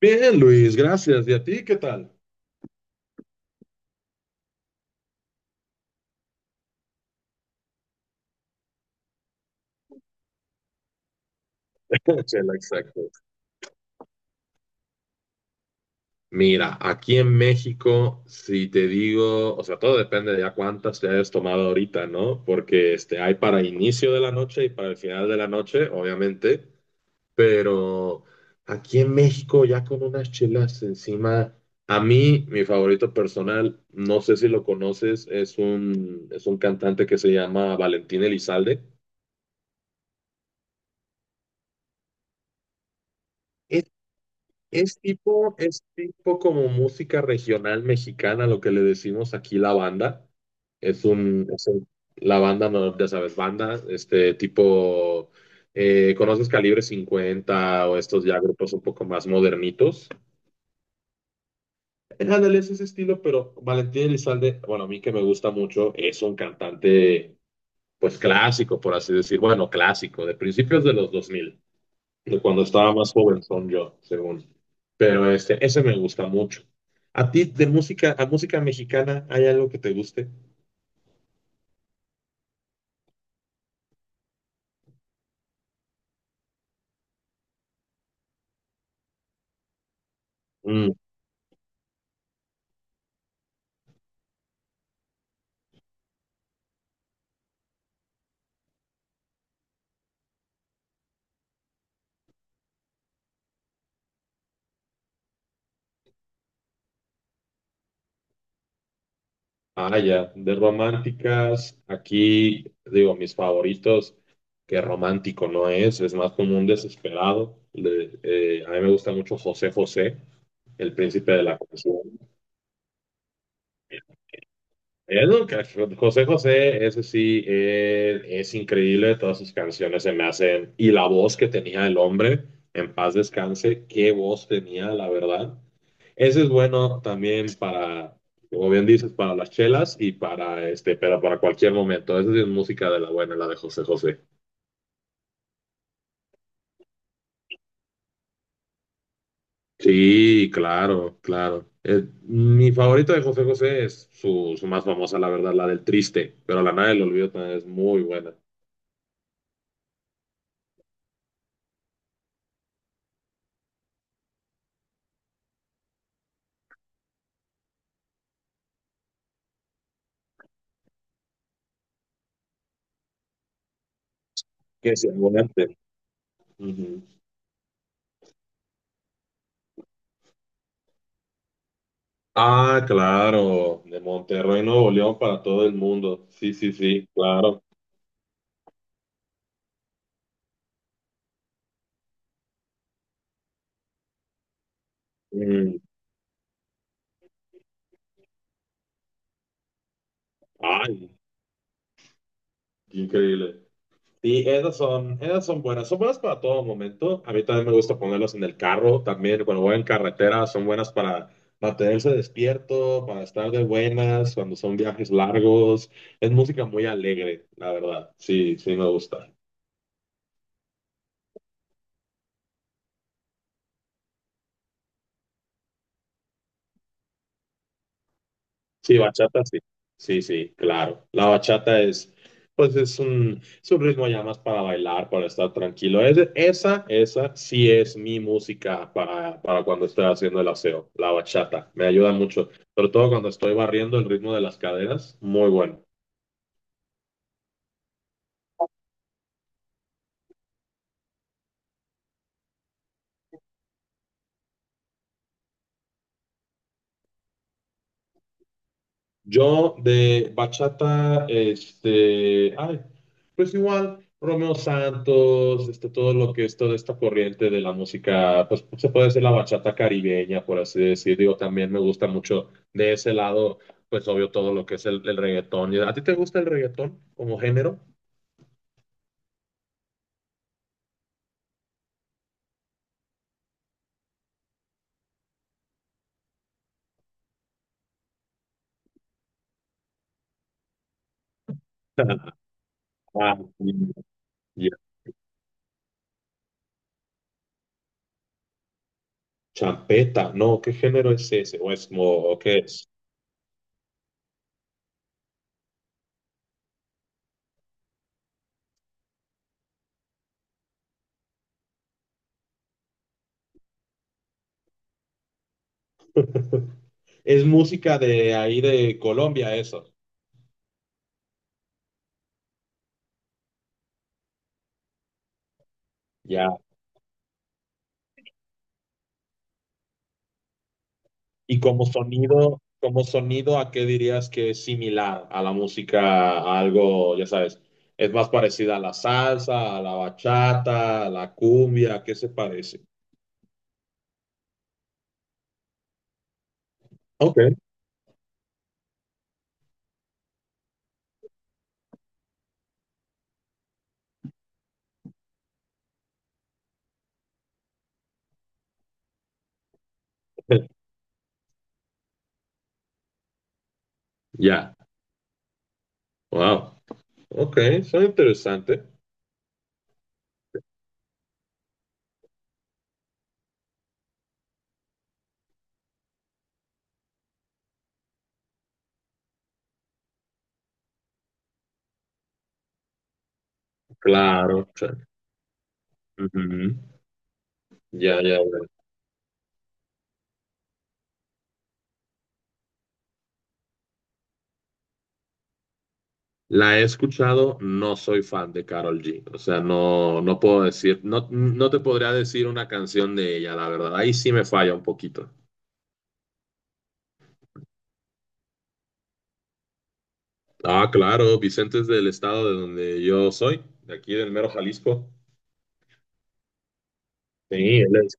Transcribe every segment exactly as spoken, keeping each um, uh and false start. Bien, Luis, gracias. ¿Y a ti qué tal? Chela, exacto. Mira, aquí en México, si te digo, o sea, todo depende de a cuántas te hayas tomado ahorita, ¿no? Porque este, hay para inicio de la noche y para el final de la noche, obviamente, pero aquí en México ya con unas chelas encima, a mí, mi favorito personal, no sé si lo conoces, es un, es un cantante que se llama Valentín Elizalde. Es tipo, es tipo como música regional mexicana, lo que le decimos aquí la banda. Es un, es un- la banda, no, ya sabes, banda, este tipo, eh, ¿conoces Calibre cincuenta o estos ya grupos un poco más modernitos? Eh, Ándale, es ese estilo, pero Valentín Elizalde, bueno, a mí que me gusta mucho, es un cantante, pues clásico, por así decir, bueno, clásico, de principios de los dos mil, de cuando estaba más joven son yo, según. Pero este, ese me gusta mucho. ¿A ti de música, a música mexicana, hay algo que te guste? Mm. Ah, ya, de románticas, aquí digo, mis favoritos, que romántico no es, es más como un desesperado. Le- eh, a mí me gusta mucho José José, el príncipe de la canción. Es lo que- José José, ese sí, eh, es increíble, todas sus canciones se me hacen, y la voz que tenía el hombre, en paz descanse, qué voz tenía, la verdad. Ese es bueno también para, como bien dices, para las chelas y para este, pero para cualquier momento. Esa sí es música de la buena, la de José José. Sí, claro, claro. Eh, mi favorita de José José es su, su más famosa, la verdad, la del triste, pero la nada del olvido también es muy buena. Que se aguante. Ah, claro, de Monterrey, Nuevo León para todo el mundo. Sí, sí, sí, claro. Mm. Ay, qué increíble. Sí, esas son, esas son buenas. Son buenas para todo momento. A mí también me gusta ponerlas en el carro, también cuando voy en carretera, son buenas para mantenerse despierto, para estar de buenas, cuando son viajes largos. Es música muy alegre, la verdad. Sí, sí, me gusta. Sí, bachata, sí. Sí, sí, claro. La bachata es, pues es un, es un ritmo ya más para bailar, para estar tranquilo. Es- esa, esa sí es mi música para, para cuando estoy haciendo el aseo. La bachata me ayuda mucho, sobre todo cuando estoy barriendo el ritmo de las caderas. Muy bueno. Yo de bachata, este, ay, pues igual, Romeo Santos, este, todo lo que es toda esta corriente de la música, pues se puede decir la bachata caribeña, por así decir, digo, también me gusta mucho de ese lado, pues obvio todo lo que es el, el reggaetón. ¿Y ¿A ti te gusta el reggaetón como género? Ah, sí, ya. Champeta, no, ¿qué género es ese? ¿O es, mo- ¿o qué es? Es música de ahí de Colombia, eso. Y como sonido, como sonido, ¿a qué dirías que es similar a la música, a algo, ya sabes, es más parecida a la salsa, a la bachata, a la cumbia, ¿a qué se parece? Ok. Ya. Wow. Ok, son interesante. Claro, sí. Ujú. Ya, ya, ya. La he escuchado, no soy fan de Carol G. O sea, no, no puedo decir, no, no te podría decir una canción de ella, la verdad. Ahí sí me falla un poquito. Ah, claro, Vicente es del estado de donde yo soy, de aquí del mero Jalisco. Sí, él es.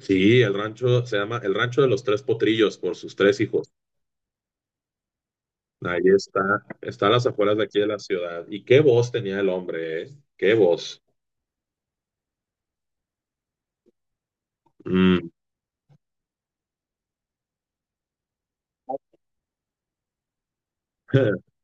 Sí, el rancho se llama el Rancho de los Tres Potrillos por sus tres hijos. Ahí está, está a las afueras de aquí de la ciudad. Y qué voz tenía el hombre, ¿eh? Qué voz. Mm.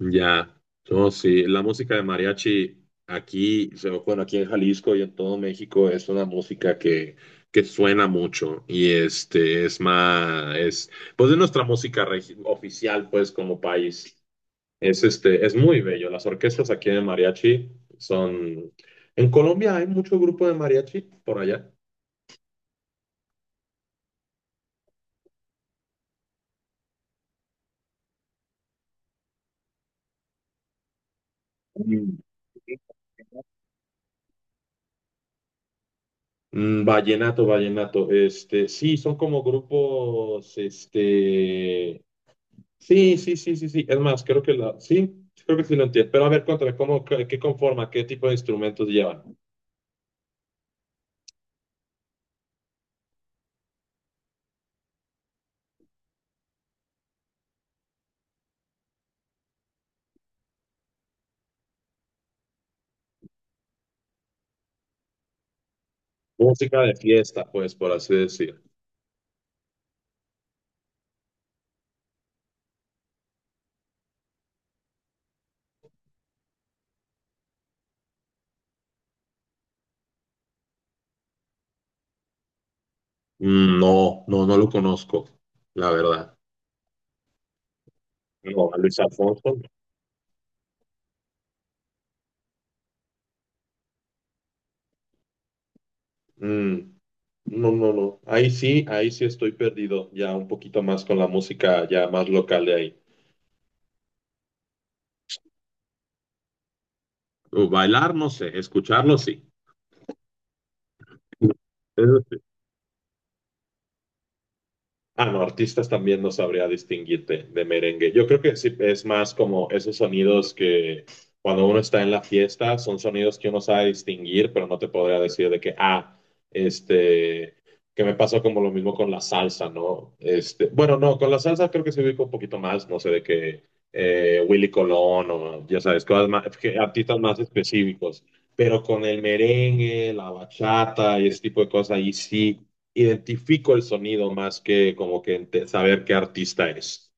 Ya, no, sí, la música de mariachi aquí, o sea, bueno, aquí en Jalisco y en todo México es una música que, que suena mucho y este es más, es pues de nuestra música regi- oficial, pues como país, es este, es muy bello. Las orquestas aquí de mariachi son, en Colombia hay mucho grupo de mariachi por allá. Mm. Mm, vallenato, vallenato, este, sí, son como grupos, este. Sí, sí, sí, sí, sí. Es más, creo que la, sí, creo que sí lo entiendo. Pero a ver, cuéntame, ¿cómo, qué, qué conforma, qué tipo de instrumentos llevan? Música de fiesta, pues, por así decir. Mm, no, no, no lo conozco, la verdad. No, a Luis Alfonso. Mm, no, no, no. Ahí sí, ahí sí estoy perdido, ya un poquito más con la música ya más local de ahí. Uh, Bailar, no sé, escucharlo sí. Ah, no, artistas también no sabría distinguirte de merengue. Yo creo que sí, es más como esos sonidos que cuando uno está en la fiesta son sonidos que uno sabe distinguir, pero no te podría decir de que, ah, este, que me pasó como lo mismo con la salsa, ¿no? Este, bueno, no, con la salsa creo que se ubica un poquito más, no sé, de que eh, Willy Colón o ya sabes, cosas más, que artistas más específicos. Pero con el merengue, la bachata y ese tipo de cosas, ahí sí identifico el sonido más que como que ente- saber qué artista es.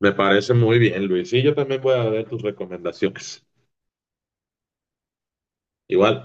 Me parece muy bien, Luis. Y yo también voy a ver tus recomendaciones. Igual.